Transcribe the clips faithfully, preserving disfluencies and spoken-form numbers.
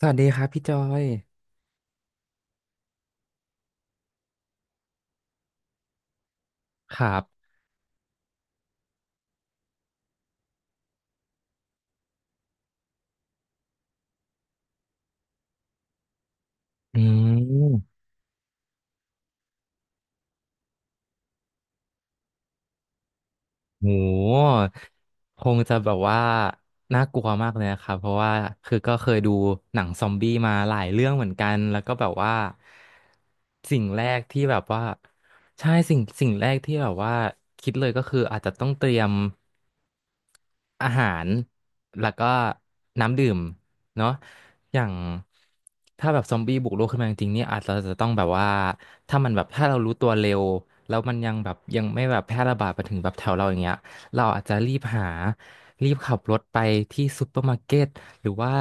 สวัสดีครับพี่จอยครับ อืมโหคงจะแบบว่าน่ากลัวมากเลยนะครับเพราะว่าคือก็เคยดูหนังซอมบี้มาหลายเรื่องเหมือนกันแล้วก็แบบว่าสิ่งแรกที่แบบว่าใช่สิ่งสิ่งแรกที่แบบว่าคิดเลยก็คืออาจจะต้องเตรียมอาหารแล้วก็น้ำดื่ม เนาะอย่างถ้าแบบซอมบี้บุกโลกขึ้นมาจริงๆนี่อาจจะจะต้องแบบว่า ถ้ามันแบบ ถ้าเรารู้ตัวเร็ว แล้วมันยังแบบยังไม่แบบแพร่ระบาดไปถึงแบบแถวเราอย่างเงี้ยเราอาจจะรีบหา รีบขับรถไปที่ซูเปอร์มาร์เก็ตหรือว่า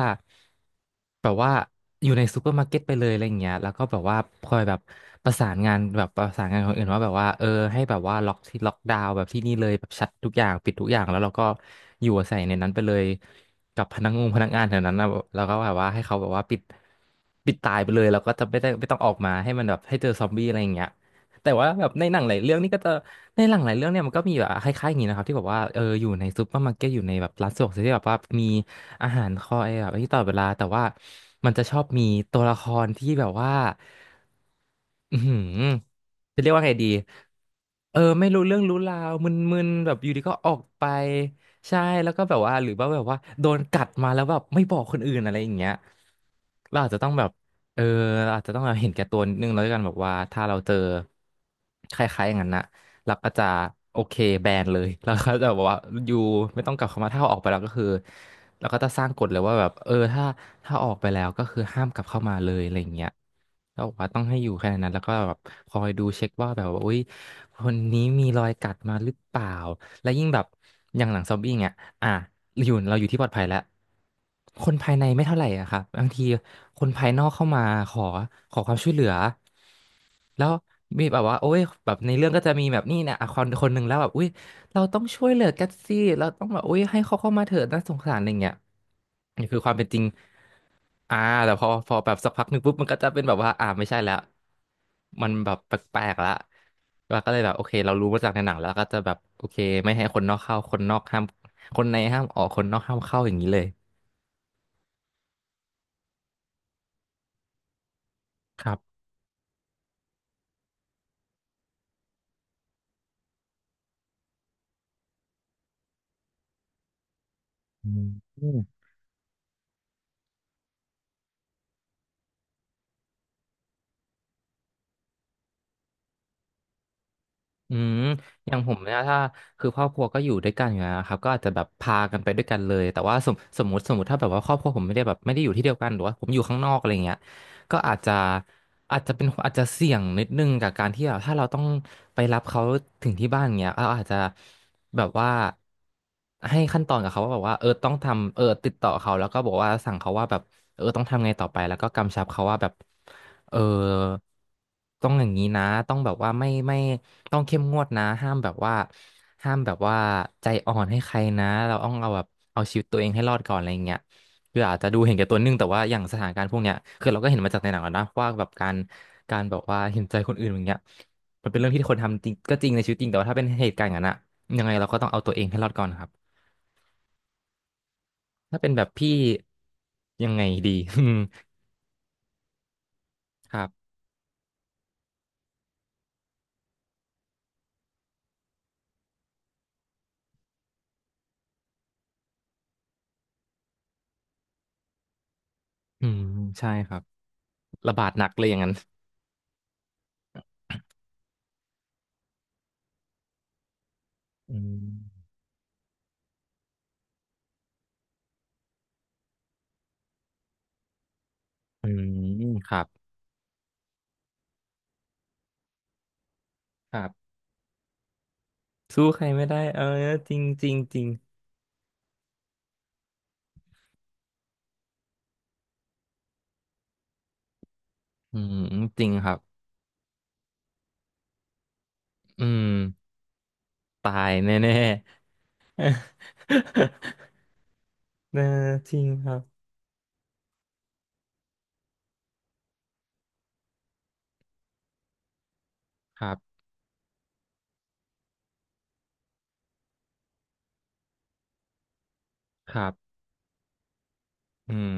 แบบว่าอยู่ในซูเปอร์มาร์เก็ตไปเลยอะไรอย่างเงี้ยแล้วก็แบบว่าคอยแบบประสานงานแบบประสานงานคนอื่นว่าแบบว่าเออให้แบบว่าล็อกที่ล็อกดาวน์แบบที่นี่เลยแบบชัดทุกอย่างปิดทุกอย่างแล้วเราก็อยู่อาศัยในนั้นไปเลยกับพนักงงพนักงานแถวนั้นนะแล้วก็แบบว่าให้เขาแบบว่าปิดปิดตายไปเลยแล้วก็จะไม่ได้ไม่ต้องออกมาให้มันแบบให้เจอซอมบี้อะไรอย่างเงี้ย แต่ว่าแบบในหนังหลายเรื่องนี่ก็จะในหนังหลายเรื่องเนี่ยมันก็มีแบบคล้ายๆอย่างนี้นะครับที่แบบว่าเอออยู่ในซูเปอร์มาร์เก็ตอยู่ในแบบร้านสะดวกซื้อที่แบบว่ามีอาหารคอยแบบที่ตลอดเวลาแต่ว่ามันจะชอบมีตัวละครที่แบบว่าอือหือจะเรียกว่าไงดีเออไม่รู้เรื่องรู้ราวมึนๆแบบอยู่ดีก็ออกไปใช่แล้วก็แบบว่าหรือว่าแบบว่าโดนกัดมาแล้วแบบไม่บอกคนอื่นอะไรอย่างเงี้ยเราอาจจะต้องแบบ เออเราอาจจะต้องเห็นแก่ตัวนิดนึงแล้วกันแบบว่าถ้าเราเจอคล้ายๆอย่างนั้นนะเราก็จะโอเคแบนเลย แล้วก็จะบอกว่าอยู่ไม่ต้องกลับเข้ามาถ้าเอาออกไปแล้วก็คือเราก็จะสร้างกฎเลยว่าแบบเออถ้าถ้าออกไปแล้วก็คือห้ามกลับเข้ามาเลยอะไรอย่างเงี้ยแล้วบอกว่าต้องให้อยู่แค่ในนั้นแล้วก็แบบคอยดูเช็คว่าแบบว่าอุ้ยคนนี้มีรอยกัดมาหรือเปล่าและยิ่งแบบอย่างหลังซอมบี้เงี้ย อ่ะอยู่เราอยู่ที่ปลอดภัยแล้วคนภายในไม่เท่าไหร่อะครับบางทีคนภายนอกเข้ามาขอขอความช่วยเหลือแล้วมีแบบว่าโอ้ยแบบในเรื่องก็จะมีแบบนี่เนี่ยอ่ะคนคนหนึ่งแล้วแบบอุ้ยเราต้องช่วยเหลือกันสิเราต้องแบบอุ้ยให้เขาเข้ามาเถิดน่าสงสารอะไรเงี้ยนี่คือความเป็นจริง อ่าแต่พอพอแบบสักพักหนึ่งปุ๊บมันก็จะเป็นแบบว่าอ่าไม่ใช่แล้วมันแบบแปลกๆละเราก็เลยแบบโอเคเรารู้มาจากในหนังแล้วก็จะแบบโอเคไม่ให้คนนอกเข้าคนนอกห้ามคนในห้ามออกคนนอกห้ามเข้าอย่างนี้เลยครับอืมอืมอย่างผมเนี่ยถ้าคือครอบครัวก็อยู่ด้วยกันอยู่แล้วนะครับก็อาจจะแบบพากันไปด้วยกันเลยแต่ว่าสมสมมติสมมติถ้าแบบว่าครอบครัวผมไม่ได้แบบไม่ได้อยู่ที่เดียวกันหรือว่าผมอยู่ข้างนอกอะไรเงี้ย ก็อาจจะอาจจะเป็นอาจจะเสี่ยงนิดนึงกับการที่แบบถ้าเราต้องไปรับเขาถึงที่บ้านเงี้ยเราอาจจะแบบว่าให้ขั้นตอนกับเขาว่าแบบว่าเออต้องทำเออติดต่อเขาแล้วก็บอกว่าสั่งเขาว่าแบบเออต้องทำไงต่อไปแล้วก็กำชับเขาว่าแบบเออต้องอย่างนี้นะต้องแบบว่าไม่ไม่ต้องเข้มงวดนะห้ามแบบว่าห้ามแบบว่าใจอ่อนให้ใครนะเราต้องเอาแบบเอาชีวิตตัวเองให้รอดก่อนอะไรอย่างเงี้ย คืออาจจะดูเห็นแก่ตัวนึงแต่ว่าอย่างสถานการณ์พวกเนี้ยคือเราก็เห็นมาจากในหนังแล้วนะว่าแบบการการแบบว่าเห็นใจคนอื่นอย่างเงี้ยมันเป็นเรื่องที่คนทำจริงก็จริงในชีวิตจริงแต่ว่าถ้าเป็นเหตุการณ์อย่างนั้นอะยังไงเราก็ต้องเอาตัวเองให้รอดก่อนครับถ้าเป็นแบบพี่ยังไงดี อืมครับอืมใช่ครับระบาดหนักเลยอย่างนั้นอืมอืมครับครับสู้ใครไม่ได้เออจริงจริงจริงอืมจริงครับอืมตายแน่ๆ เออจริงครับ ครับครับอืม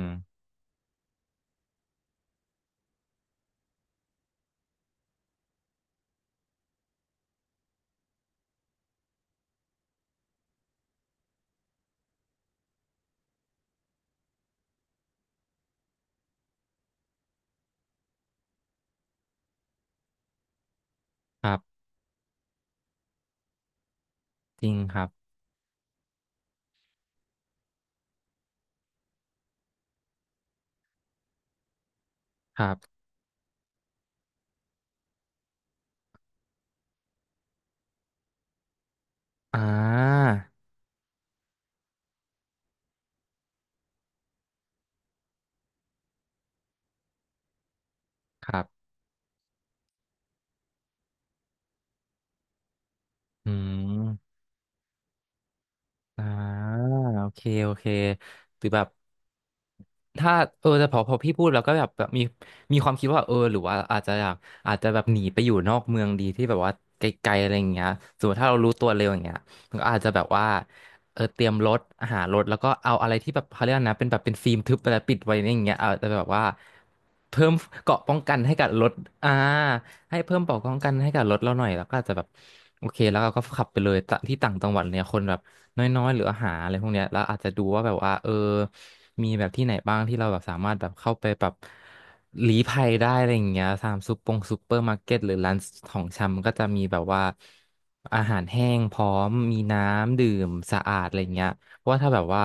ครับจริงครับครับอ่าครับอืม อ่าโอเคโอเคหรือแบบถ้าเออแต่พอพอพี่พูดแล้วก็แบบแบบมีมีความคิดว่าเออหรือว่าอาจจะอยากอาจจะแบบหนีไปอยู่นอกเมืองดีที่แบบว่าไกลๆอะไรอย่างเงี้ยสมมติถ้าเรารู้ตัวเร็วอย่างเงี้ยมันก็อาจจะแบบว่าเออเตรียมรถหารถแล้วก็เอาอะไรที่แบบเขาเรียกนะเป็นแบบเป็นฟิล์มทึบอะไรปิดไว้อย่างเงี้ยเอาจจะแบบว่าเพิ่มเกราะป้องกันให้กับรถอ่าให้เพิ่มเกราะป้องกันให้กับรถเราหน่อยแล้วก็อาจจะแบบโอเคแล้วเราก็ขับไปเลยตะที่ต่างจังหวัดเนี่ยคนแบบ น้อยๆหรืออาหารอะไรพวกเนี้ยแล้วอาจจะดูว่าแบบว่าเออมีแบบที่ไหนบ้างที่เราแบบสามารถแบบเข้าไปแบบหลีภัยได้อะไรอย่างเงี้ยตามซุปปงซุปเปอร์มาร์เก็ตหรือร้านของชำก็จะมีแบบว่าอาหารแห้งพร้อมมีน้ำดื่มสะอาดอะไรอย่างเงี้ยเพราะว่าถ้าแบบว่า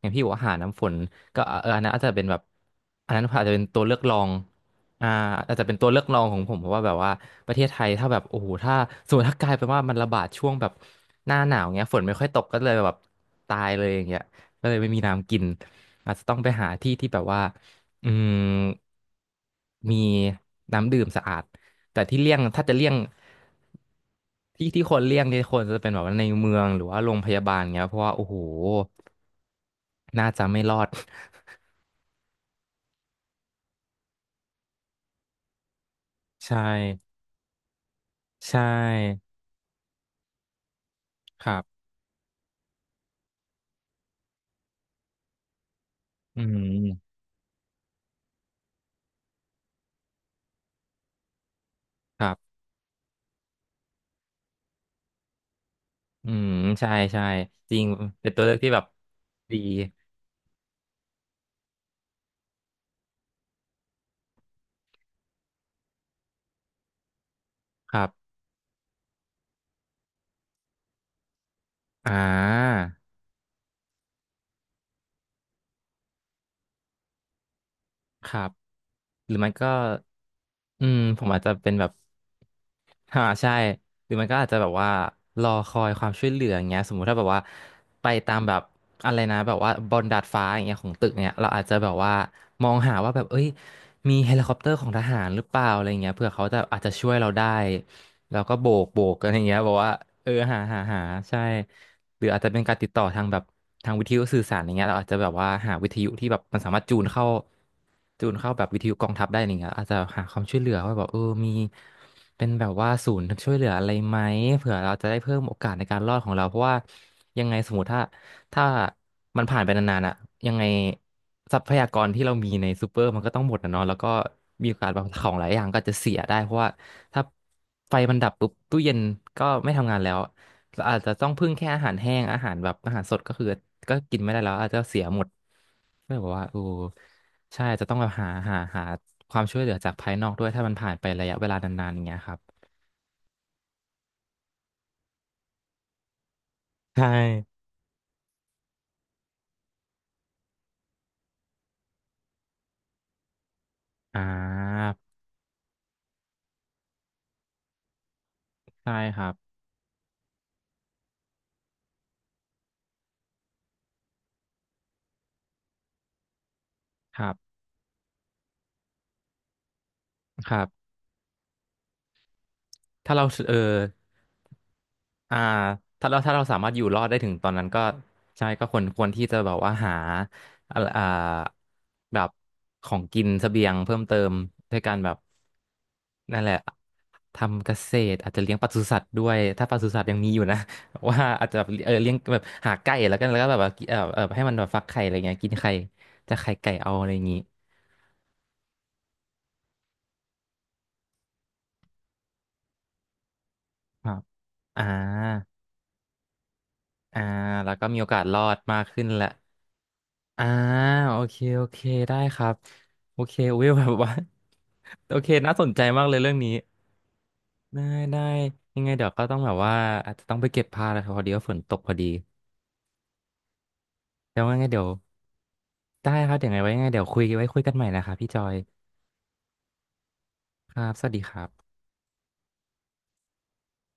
อย่างพี่บอกว่าหารน้ำฝนก็เอออันนั้นอาจจะเป็นแบบอันนั้นอาจจะเป็นตัวเลือกรอง อ่าอาจจะเป็นตัวเลือกรองของผมเพราะว่าแบบว่าประเทศไทยถ้าแบบโอ้โหถ้าสมมติถ้ากลายเป็นว่ามันระบาดช่วงแบบหน้าหนาวเงี้ยฝนไม่ค่อยตกก็เลยแบบตายเลยอย่างเงี้ยก็เลยไม่มีน้ำกินอาจจะต้องไปหาที่ที่แบบว่าอืมมีน้ำดื่มสะอาดแต่ที่เลี่ยงถ้าจะเลี่ยงที่ที่คนเลี่ยงเนี่ยคนจะเป็นแบบว่าในเมืองหรือว่าโรงพยาบาลเงี้ยเพราะว่าโอ้โหน่าจะไม่รอด ใช่ใช่ครับอืมครับ อืมใช่ใช่จริงเป็นตัวเลือกที่แบบดีครับอ่าครับหรือมันก็อืมผมอาจจะเป็นแบบอ่าใช่หรือมันก็อาจจะแบบว่ารอคอยความช่วยเหลืออย่างเงี้ยสมมุติถ้าแบบว่าไปตามแบบอะไรนะแบบว่าบนดาดฟ้าอย่างเงี้ยของตึกเนี่ยเราอาจจะแบบว่ามองหาว่าแบบเอ้ย มีเฮลิคอปเตอร์ของทหารหรือเปล่าอะไรเงี้ยเผื่อเขาจะอาจจะช่วยเราได้แล้วก็โบกโบกอะไรเงี้ยบอกว่าเออหาหาหาใช่หรืออาจจะเป็นการติดต่อทางแบบทางวิทยุสื่อสารอะไรเงี้ยเราอาจจะแบบว่าหาวิทยุที่แบบมันสามารถจูนเข้าจูนเข้าแบบวิทยุกองทัพได้อะไรเงี้ยอาจจะหาความช่วยเหลือว่าแบบเออมีเป็นแบบว่าศูนย์ช่วยเหลืออะไรไหมเผื่อเราจะได้เพิ่มโอกาสในการรอดของเราเพราะว่ายังไงสมมติถ้า ถ้ามันผ่านไปนานๆอะยังไงทรัพยากรที่เรามีในซูเปอร์มันก็ต้องหมดนะเนาะแล้วก็มีโอกาสบางของหลายอย่างก็จะเสียได้เพราะว่าถ้าไฟมันดับปุ๊บตู้เย็นก็ไม่ทำงานแล้วเราอาจจะต้องพึ่งแค่อาหารแห้งอาหารแบบอาหารสดก็คือก็กินไม่ได้แล้วอาจจะเสียหมดก็เลยบอกว่าโอ้ใช่จะต้องแบบหาหาหาความช่วยเหลือจากภายนอกด้วยถ้ามันผ่านไประยะเวลานานๆอย่างเงี้ยครับใช่อ่าใช่ครับครับครับถ้าเราเออ อ่าถ้าเราถ้าเราสามารถอยู่รอดได้ถึงตอนนั้นก็ใช่ก็ควรควรที่จะแบบว่าหาอ่าอ่าแบบของกินเสบียงเพิ่มเติมด้วยการแบบนั่นแหละทำเกษตรอาจจะเลี้ยงปศุสัตว์ด้วยถ้าปศุสัตว์ยังมีอยู่นะ ว่าอาจจะแบบเออเลี้ยงแบบหาไก่แล้วกันแล้วก็แบบว่าเออเออให้มันแบบฟักไข่อะไรเงี้ยกินไข่จะไข่ไก่เอาอะไรอย่างงี้ครับอ่าอ่าแล้วก็มีโอกาสรอดมากขึ้นแหละ อ่าโอเคโอเคได้ครับโอเคอุ้ยแบบว่า โอเคน่าสนใจมากเลยเรื่องนี้ได้ได้ยังไงเดี๋ยวก็ต้องแบบว่าอาจจะต้องไปเก็บผ้าแล้วครับพอดีว่าฝนตกพอดีแล้วว่าไงเดี๋ยวได้ครับเดี๋ยวไงไว้ยังไงเดี๋ยวคุยไว้คุยกันใหม่นะครับพี่จอยครับสวัสดีครับ